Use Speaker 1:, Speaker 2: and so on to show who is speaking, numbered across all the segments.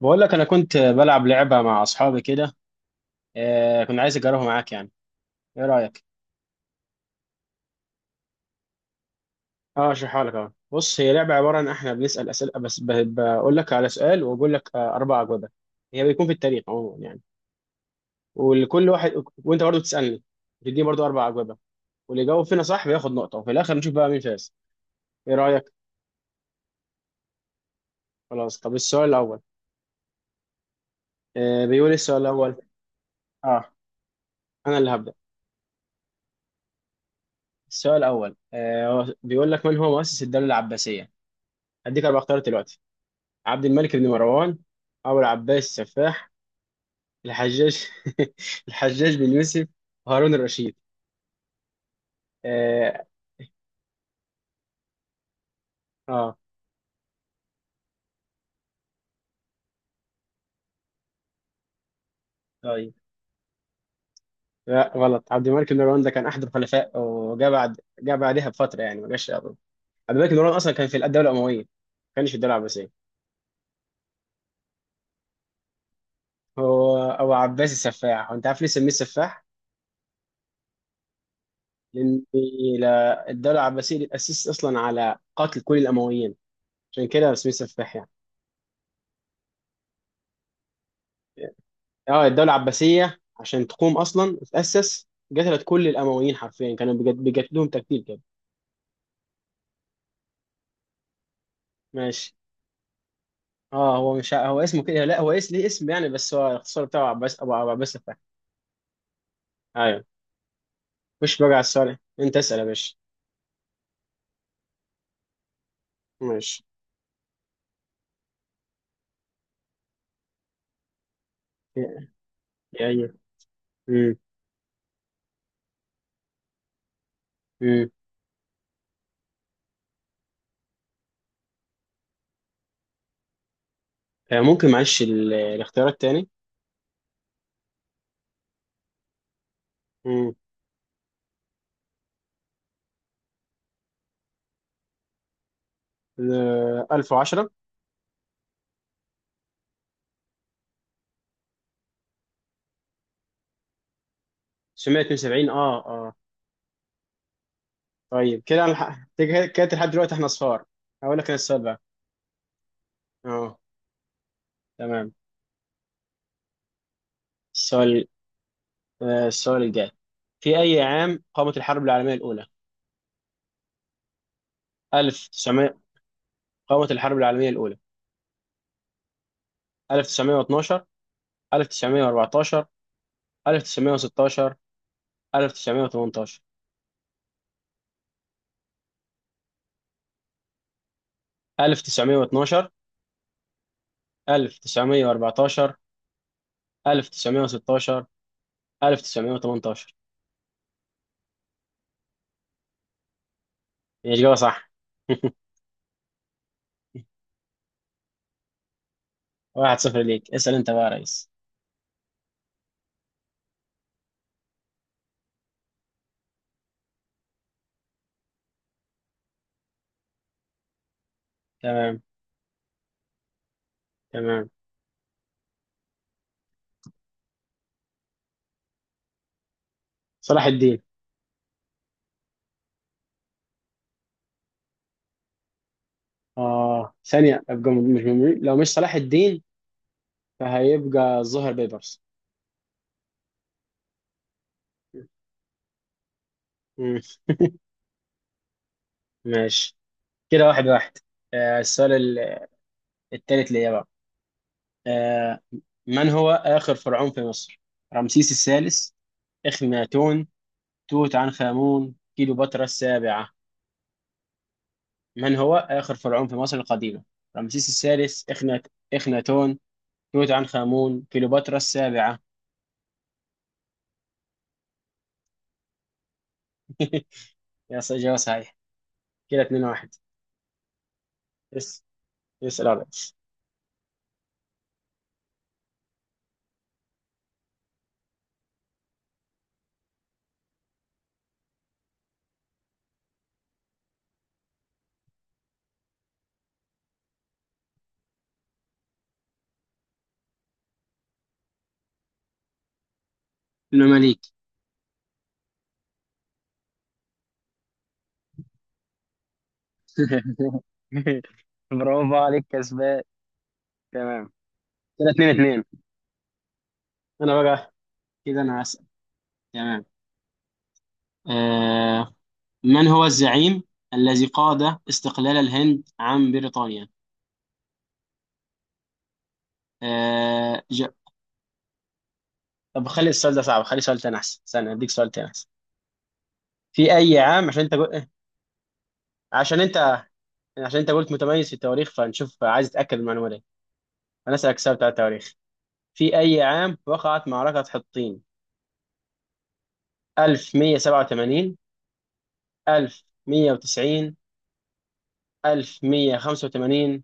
Speaker 1: بقول لك انا كنت بلعب لعبه مع اصحابي كده. كنت عايز اجربها معاك يعني. ايه رايك؟ اه، اشرحها لك اهو. بص، هي لعبه عباره عن احنا بنسال اسئله، بس بقول لك على سؤال واقول لك اربع اجوبه. هي بيكون في التاريخ عموما يعني، ولكل واحد، وانت برضه تسالني تديني برضه اربع اجوبه، واللي يجاوب فينا صح بياخد نقطه، وفي الاخر نشوف بقى مين فاز. ايه رايك؟ خلاص، طب السؤال الاول. بيقول إيه السؤال الاول؟ اه، انا اللي هبدا. السؤال الاول، هو بيقول لك، من هو مؤسس الدوله العباسيه؟ هديك اربع اختيارات دلوقتي. عبد الملك بن مروان، أبو العباس السفاح، الحجاج، الحجاج بن يوسف، هارون الرشيد. آه. آه. طيب. لا، غلط. عبد الملك بن مروان ده كان أحد الخلفاء، وجاء بعد جاء بعدها بفترة، يعني ما جاش قبله. عبد الملك بن مروان أصلا كان في الدولة الأموية، ما كانش في الدولة العباسية. هو أبو عباس السفاح. وأنت عارف ليه سميه السفاح؟ لأن الدولة العباسية دي اتأسست أصلا على قتل كل الأمويين، عشان كده سميه السفاح يعني. اه، الدولة العباسية، عشان تقوم أصلا وتأسس، قتلت كل الأمويين حرفيا، كانوا بيقتلوهم تقتيل كده. ماشي. اه، هو مش ع- هو اسمه كده. لا، هو اسم ليه، اسم يعني، بس هو الاختصار بتاعه عباس، أبو عباس الفهمي. أيوه. مش بقى على السؤال، أنت اسأل يا باشا. ماشي. أيوه. أمم، أمم. ممكن معلش الاختيارات تاني. أمم. 1010. 972. اه طيب. كده كده لحد دلوقتي احنا صفار. هقول لك أنا السؤال بقى. اه. تمام. السؤال السؤال الجاي. في أي عام قامت الحرب العالمية الأولى؟ 1900. قامت الحرب العالمية الأولى. 1912، 1914، 1916، 1918. 1912، 1914، 1916، 1918. هي إجابة صح. واحد صفر ليك، اسأل أنت بقى يا ريس. تمام. تمام. صلاح الدين. ثانية أبقى، لو مش صلاح الدين، فهيبقى الظهر بيبرس. مم. ماشي. كده واحد واحد. السؤال التالت ليا بقى. آه، من هو آخر فرعون في مصر؟ رمسيس الثالث، إخناتون، توت عنخ آمون، كليوباترا السابعة. من هو آخر فرعون في مصر القديمة؟ رمسيس الثالث، إخناتون، توت عنخ آمون، كليوباترا السابعة. إجابة صحيحة. كده اتنين واحد. اس اسأل يا ريس. إنما ليك. برافو عليك، كسبان. تمام. كده اتنين اتنين. أنا بقى، كده أنا هسأل. تمام. آه، من هو الزعيم الذي قاد استقلال الهند عن بريطانيا؟ آه، ج... طب خلي السؤال ده صعب، خلي سؤال تاني أحسن، استنى أديك سؤال تاني أحسن. في أي عام عشان أنت قل- آه، عشان أنت عشان أنت قلت متميز في التواريخ، فنشوف، عايز أتأكد من المعلومة دي. أنا أسألك سؤال بتاع التواريخ. في أي عام وقعت معركة حطين؟ 1187، 1190، 1185،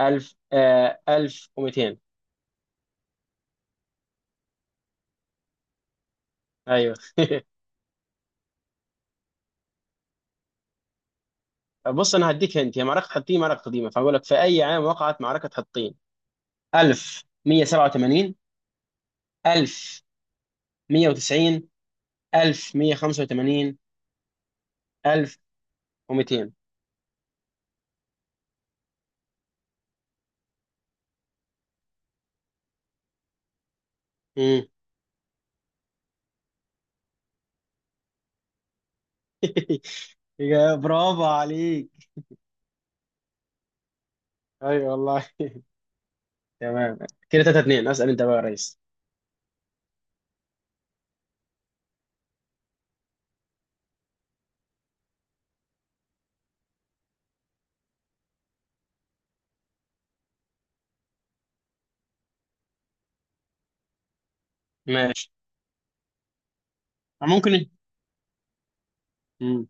Speaker 1: 1000، 1200. أيوه. بص، انا هديك، هنت هي معركه حطين، معركه قديمه، فاقول لك في اي عام وقعت معركه حطين. 1187، 1190، 1185، 1200. امم. يا برافو عليك. اي والله. تمام. كده 3-2، اسال انت بقى يا ريس. ماشي. ممكن. امم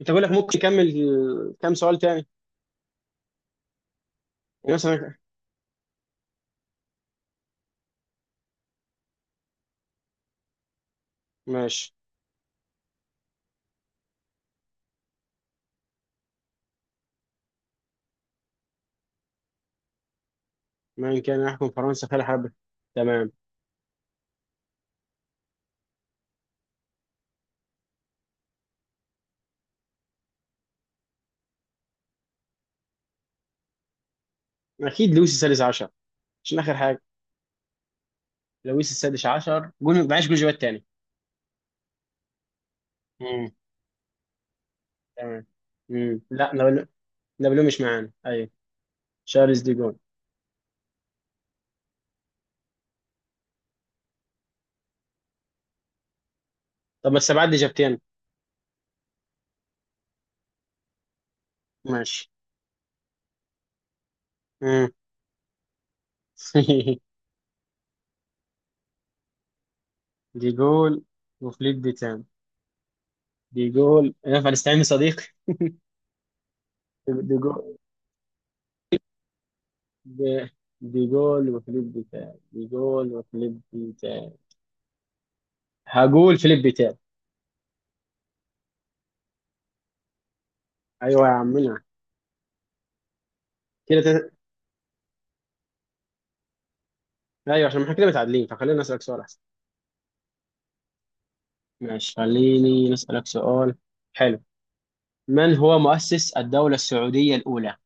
Speaker 1: انت، بقول لك ممكن نكمل كام سؤال تاني؟ يعني مثلا. ماشي. من كان يحكم فرنسا خلال حرب؟ تمام. اكيد لويس السادس عشر. عشان اخر حاجه لويس السادس عشر، جون معاش جوجوات تاني. امم تمام. لا، نابلو، نابلو مش معانا. ايوه. شارلز دي جول. طب ما السبعات دي جابتين. ماشي. امم دي جول وفليك دي تام. دي جول، ينفع نستعين بصديق؟ دي جول، دي دي جول وفليب دي تام، دي جول وفليب دي تام. هقول فليب دي تام. ايوه يا عمنا. كده تت... ايوه، عشان احنا كده متعادلين، فخلينا نسألك سؤال احسن. ماشي. خليني نسألك سؤال. حلو. من هو مؤسس الدولة السعودية الأولى؟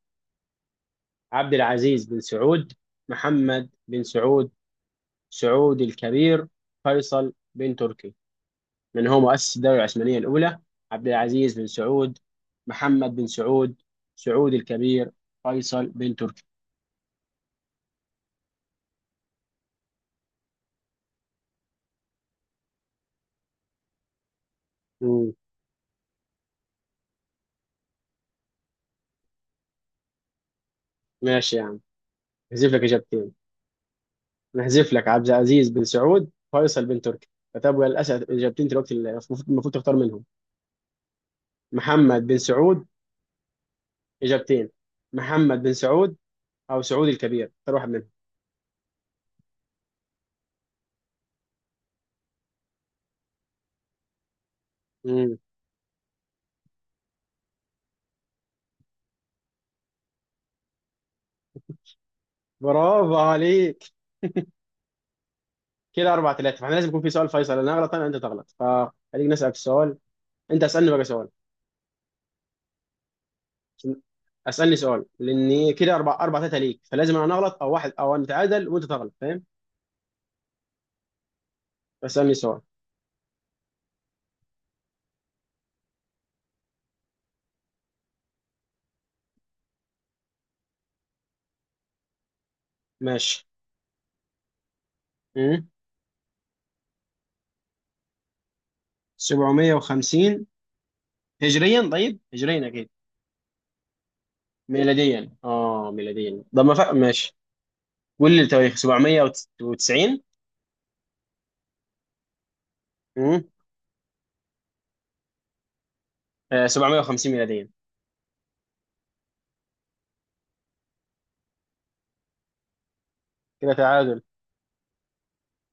Speaker 1: عبد العزيز بن سعود، محمد بن سعود، سعود الكبير، فيصل بن تركي. من هو مؤسس الدولة العثمانية الأولى؟ عبد العزيز بن سعود، محمد بن سعود، سعود الكبير، فيصل بن تركي. مم. ماشي يا عم، نحذف لك إجابتين، نحذف لك عبد العزيز بن سعود، فيصل بن تركي. فتبقى للأسف إجابتين دلوقتي، اللي المفروض تختار منهم. محمد بن سعود. إجابتين، محمد بن سعود او سعودي الكبير، اختار واحد منهم. امم برافو عليك. كده 4-3، فاحنا لازم يكون في سؤال فيصل، انا اغلط، انت تغلط، فخليك نسالك سؤال. انت اسالني بقى سؤال. عشان- اسالني سؤال، لان كده 4 4 3 ليك، فلازم انا اغلط او واحد، او انا اتعادل وانت تغلط، فاهم؟ فاسالني سؤال. ماشي. امم 750 هجريا؟ طيب، هجريا اكيد. ميلاديا؟ اه، ميلاديا، طب ما فرق، ماشي، قول لي التواريخ. 790. امم 750 ميلاديا. كده تعادل.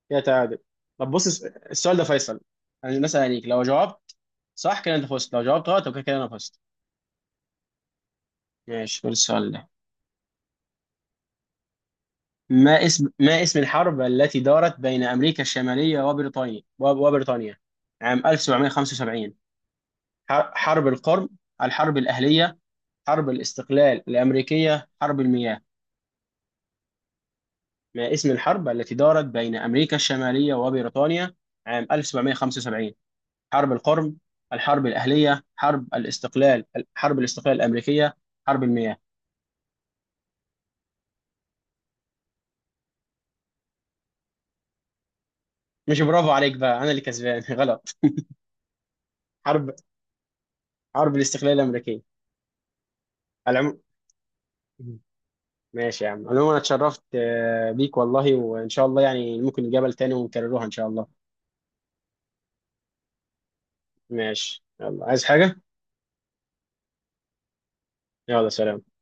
Speaker 1: كده تعادل. طب بص، السؤال ده فيصل، يعني مثلا، يعني لو جاوبت صح كده انت فزت، لو جاوبت غلط يبقى كده انا فزت. ماشي. قول السؤال ده. ما اسم الحرب التي دارت بين امريكا الشماليه وبريطانيا وبريطانيا عام 1775؟ حرب القرم، الحرب الاهليه، حرب الاستقلال الامريكيه، حرب المياه. ما اسم الحرب التي دارت بين امريكا الشماليه وبريطانيا عام 1775؟ حرب القرم، الحرب الأهلية، حرب الاستقلال الأمريكية، حرب المياه. مش برافو عليك بقى، أنا اللي كسبان. غلط. حرب حرب الاستقلال الأمريكية. العم... ماشي يا عم، عموما أنا اتشرفت بيك والله، وإن شاء الله يعني ممكن نتقابل تاني ونكرروها إن شاء الله. ماشي يلا، عايز حاجة؟ يلا سلام.